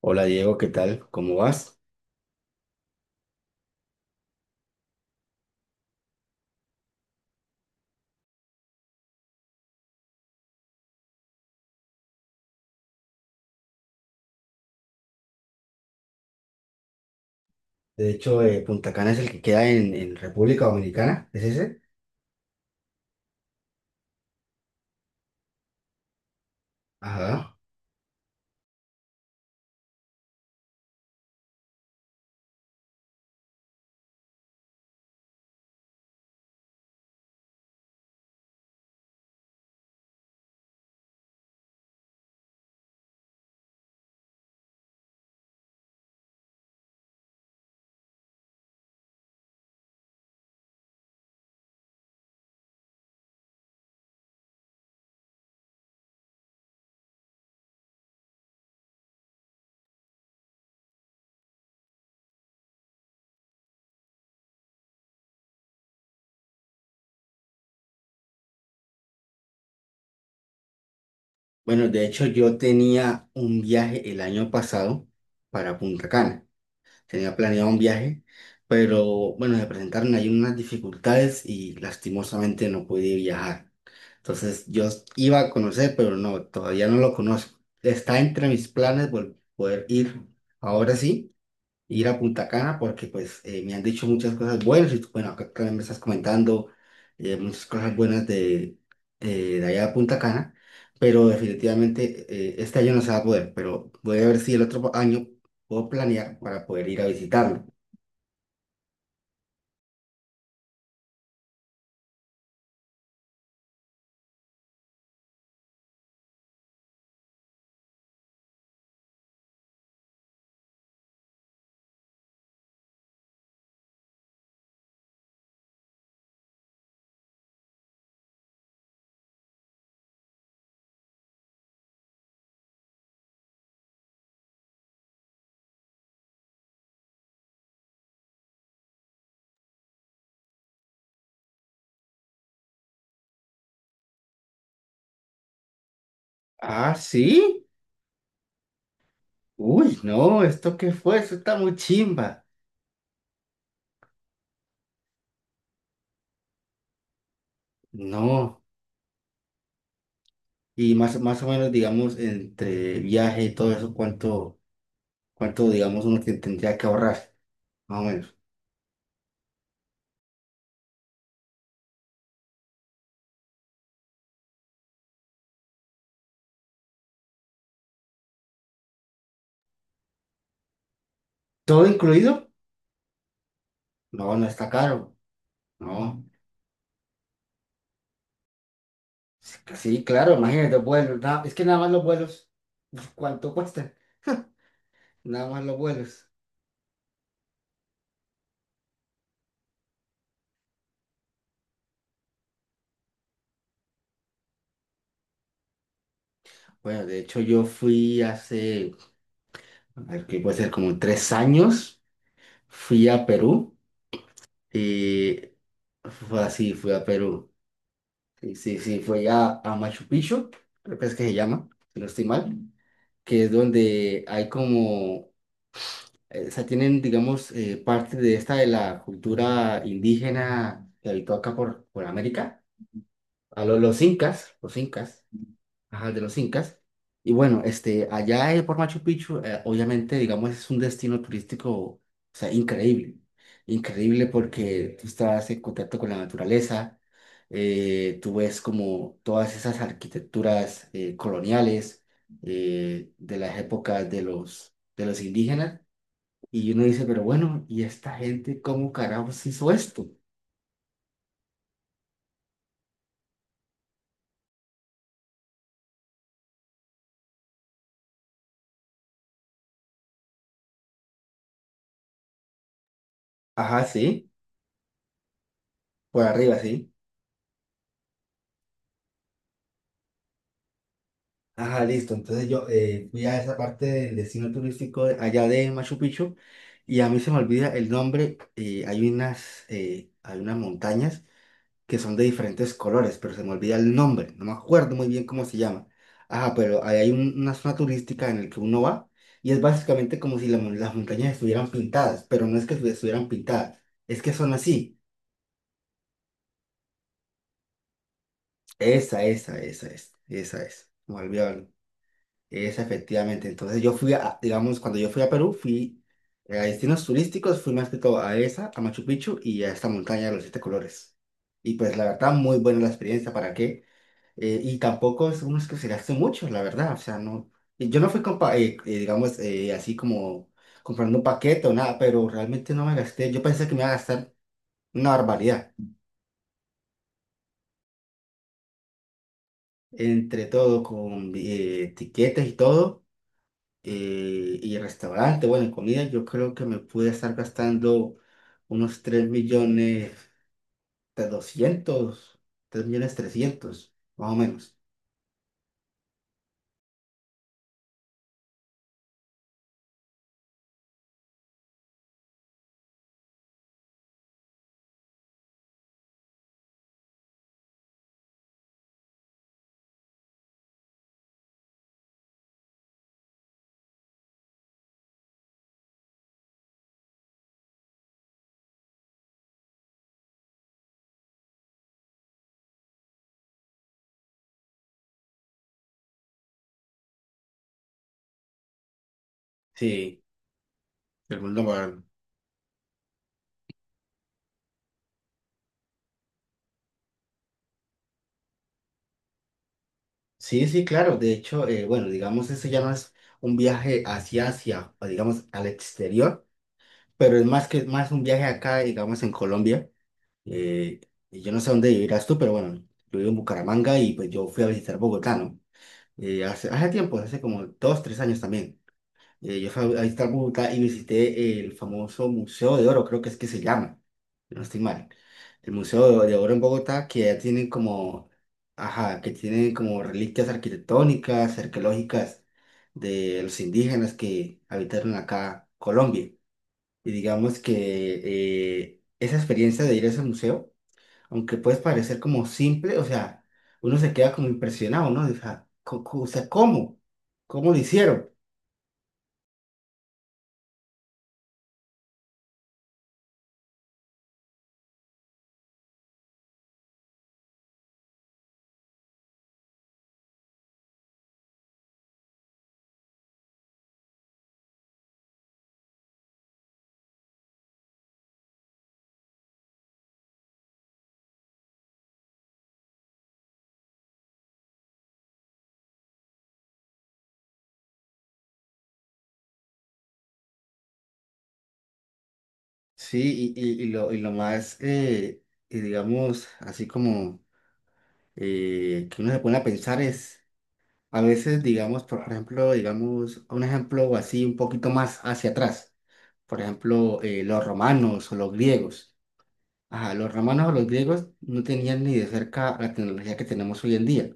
Hola Diego, ¿qué tal? ¿Cómo vas? De hecho, Punta Cana es el que queda en República Dominicana, ¿es ese? Ajá. Bueno, de hecho yo tenía un viaje el año pasado para Punta Cana. Tenía planeado un viaje, pero bueno, se presentaron ahí unas dificultades y lastimosamente no pude viajar. Entonces yo iba a conocer, pero no, todavía no lo conozco. Está entre mis planes poder ir ahora sí ir a Punta Cana porque pues me han dicho muchas cosas buenas y tú, bueno, acá también me estás comentando muchas cosas buenas de allá a Punta Cana, pero definitivamente este año no se va a poder, pero voy a ver si el otro año puedo planear para poder ir a visitarlo. Ah, sí. Uy, no, ¿esto qué fue? Eso está muy chimba. No. Y más o menos, digamos, entre viaje y todo eso, ¿cuánto, digamos, uno que tendría que ahorrar? Más o menos. ¿Todo incluido? No, no está caro, no. Sí, claro, imagínate, vuelos, es que nada más los vuelos, uf, ¿cuánto cuestan? Nada más los vuelos. Bueno, de hecho yo fui hace, a ver, ¿qué puede ser? Como 3 años, fui a Perú y fue así, fui a Perú. Sí, sí, sí, fui a Machu Picchu, creo que es que se llama, si no estoy mal, que es donde hay como o sea, tienen, digamos, parte de esta de la cultura indígena que habitó acá por América, los incas, ajá, de los incas. Y bueno, este, allá por Machu Picchu, obviamente, digamos, es un destino turístico, o sea, increíble, increíble porque tú estás en contacto con la naturaleza, tú ves como todas esas arquitecturas coloniales de las épocas de de los indígenas. Y uno dice, pero bueno, ¿y esta gente cómo carajos hizo esto? Ajá, sí, por arriba, sí. Ajá, listo. Entonces yo fui a esa parte del destino turístico allá de Machu Picchu y a mí se me olvida el nombre. Hay unas montañas que son de diferentes colores, pero se me olvida el nombre. No me acuerdo muy bien cómo se llama. Ajá, pero ahí hay una zona turística en la que uno va y es básicamente como si las montañas estuvieran pintadas, pero no es que estuvieran pintadas, es que son así. Esa es, me olvidó, esa efectivamente. Entonces yo fui a, digamos, cuando yo fui a Perú, fui a destinos turísticos, fui más que todo a esa, a Machu Picchu y a esta montaña de los siete colores. Y pues la verdad, muy buena la experiencia, ¿para qué? Y tampoco es uno que se gaste mucho, la verdad, o sea, no, y yo no fui, digamos, así como comprando un paquete o nada, pero realmente no me gasté, yo pensé que me iba a gastar una barbaridad, entre todo, con etiquetas y todo. Y restaurante, bueno, y comida, yo creo que me pude estar gastando unos 3 millones de 200 3 millones 300 más o menos. Sí, el mundo moderno. Sí, sí, claro. De hecho, bueno, digamos, eso ya no es un viaje hacia Asia, o digamos, al exterior, pero es más que más un viaje acá, digamos, en Colombia. Eh, y yo no sé dónde vivirás tú, pero bueno, yo vivo en Bucaramanga y pues yo fui a visitar Bogotá, ¿no? Hace tiempo, hace como 2, 3 años también. Yo fui a visitar Bogotá y visité el famoso Museo de Oro, creo que es que se llama, si no estoy mal. El Museo de Oro en Bogotá, que ya tienen como, ajá, que tienen como reliquias arquitectónicas, arqueológicas de los indígenas que habitaron acá Colombia. Y digamos que esa experiencia de ir a ese museo, aunque puede parecer como simple, o sea, uno se queda como impresionado, ¿no? O sea, o sea, ¿cómo? ¿Cómo lo hicieron? Sí, y lo más, y digamos, así como que uno se pone a pensar es, a veces, digamos, por ejemplo, digamos, un ejemplo así un poquito más hacia atrás, por ejemplo, los romanos o los griegos. Ajá, los romanos o los griegos no tenían ni de cerca la tecnología que tenemos hoy en día.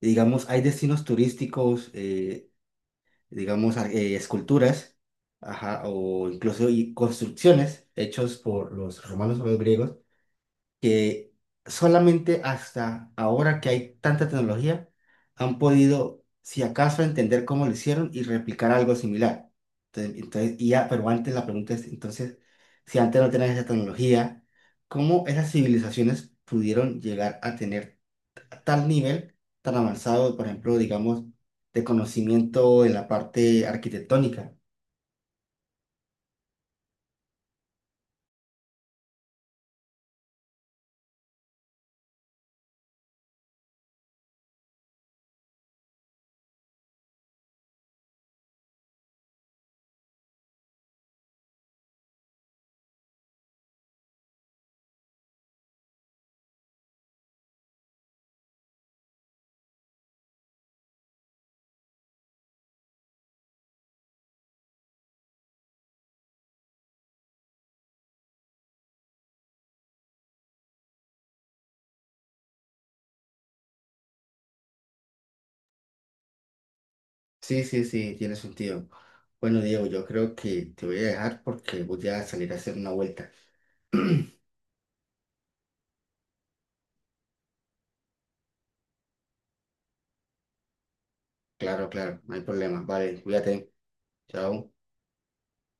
Y, digamos, hay destinos turísticos, digamos, esculturas, ajá, o incluso y construcciones hechos por los romanos o los griegos que solamente hasta ahora que hay tanta tecnología han podido, si acaso, entender cómo lo hicieron y replicar algo similar. Entonces, y ya, pero antes la pregunta es, entonces, si antes no tenían esa tecnología, ¿cómo esas civilizaciones pudieron llegar a tener tal nivel tan avanzado, por ejemplo, digamos, de conocimiento en la parte arquitectónica? Sí, sí, sí, tiene sentido. Bueno, Diego, yo creo que te voy a dejar porque voy a salir a hacer una vuelta. Claro, claro, no hay problema. Vale, cuídate. Chao.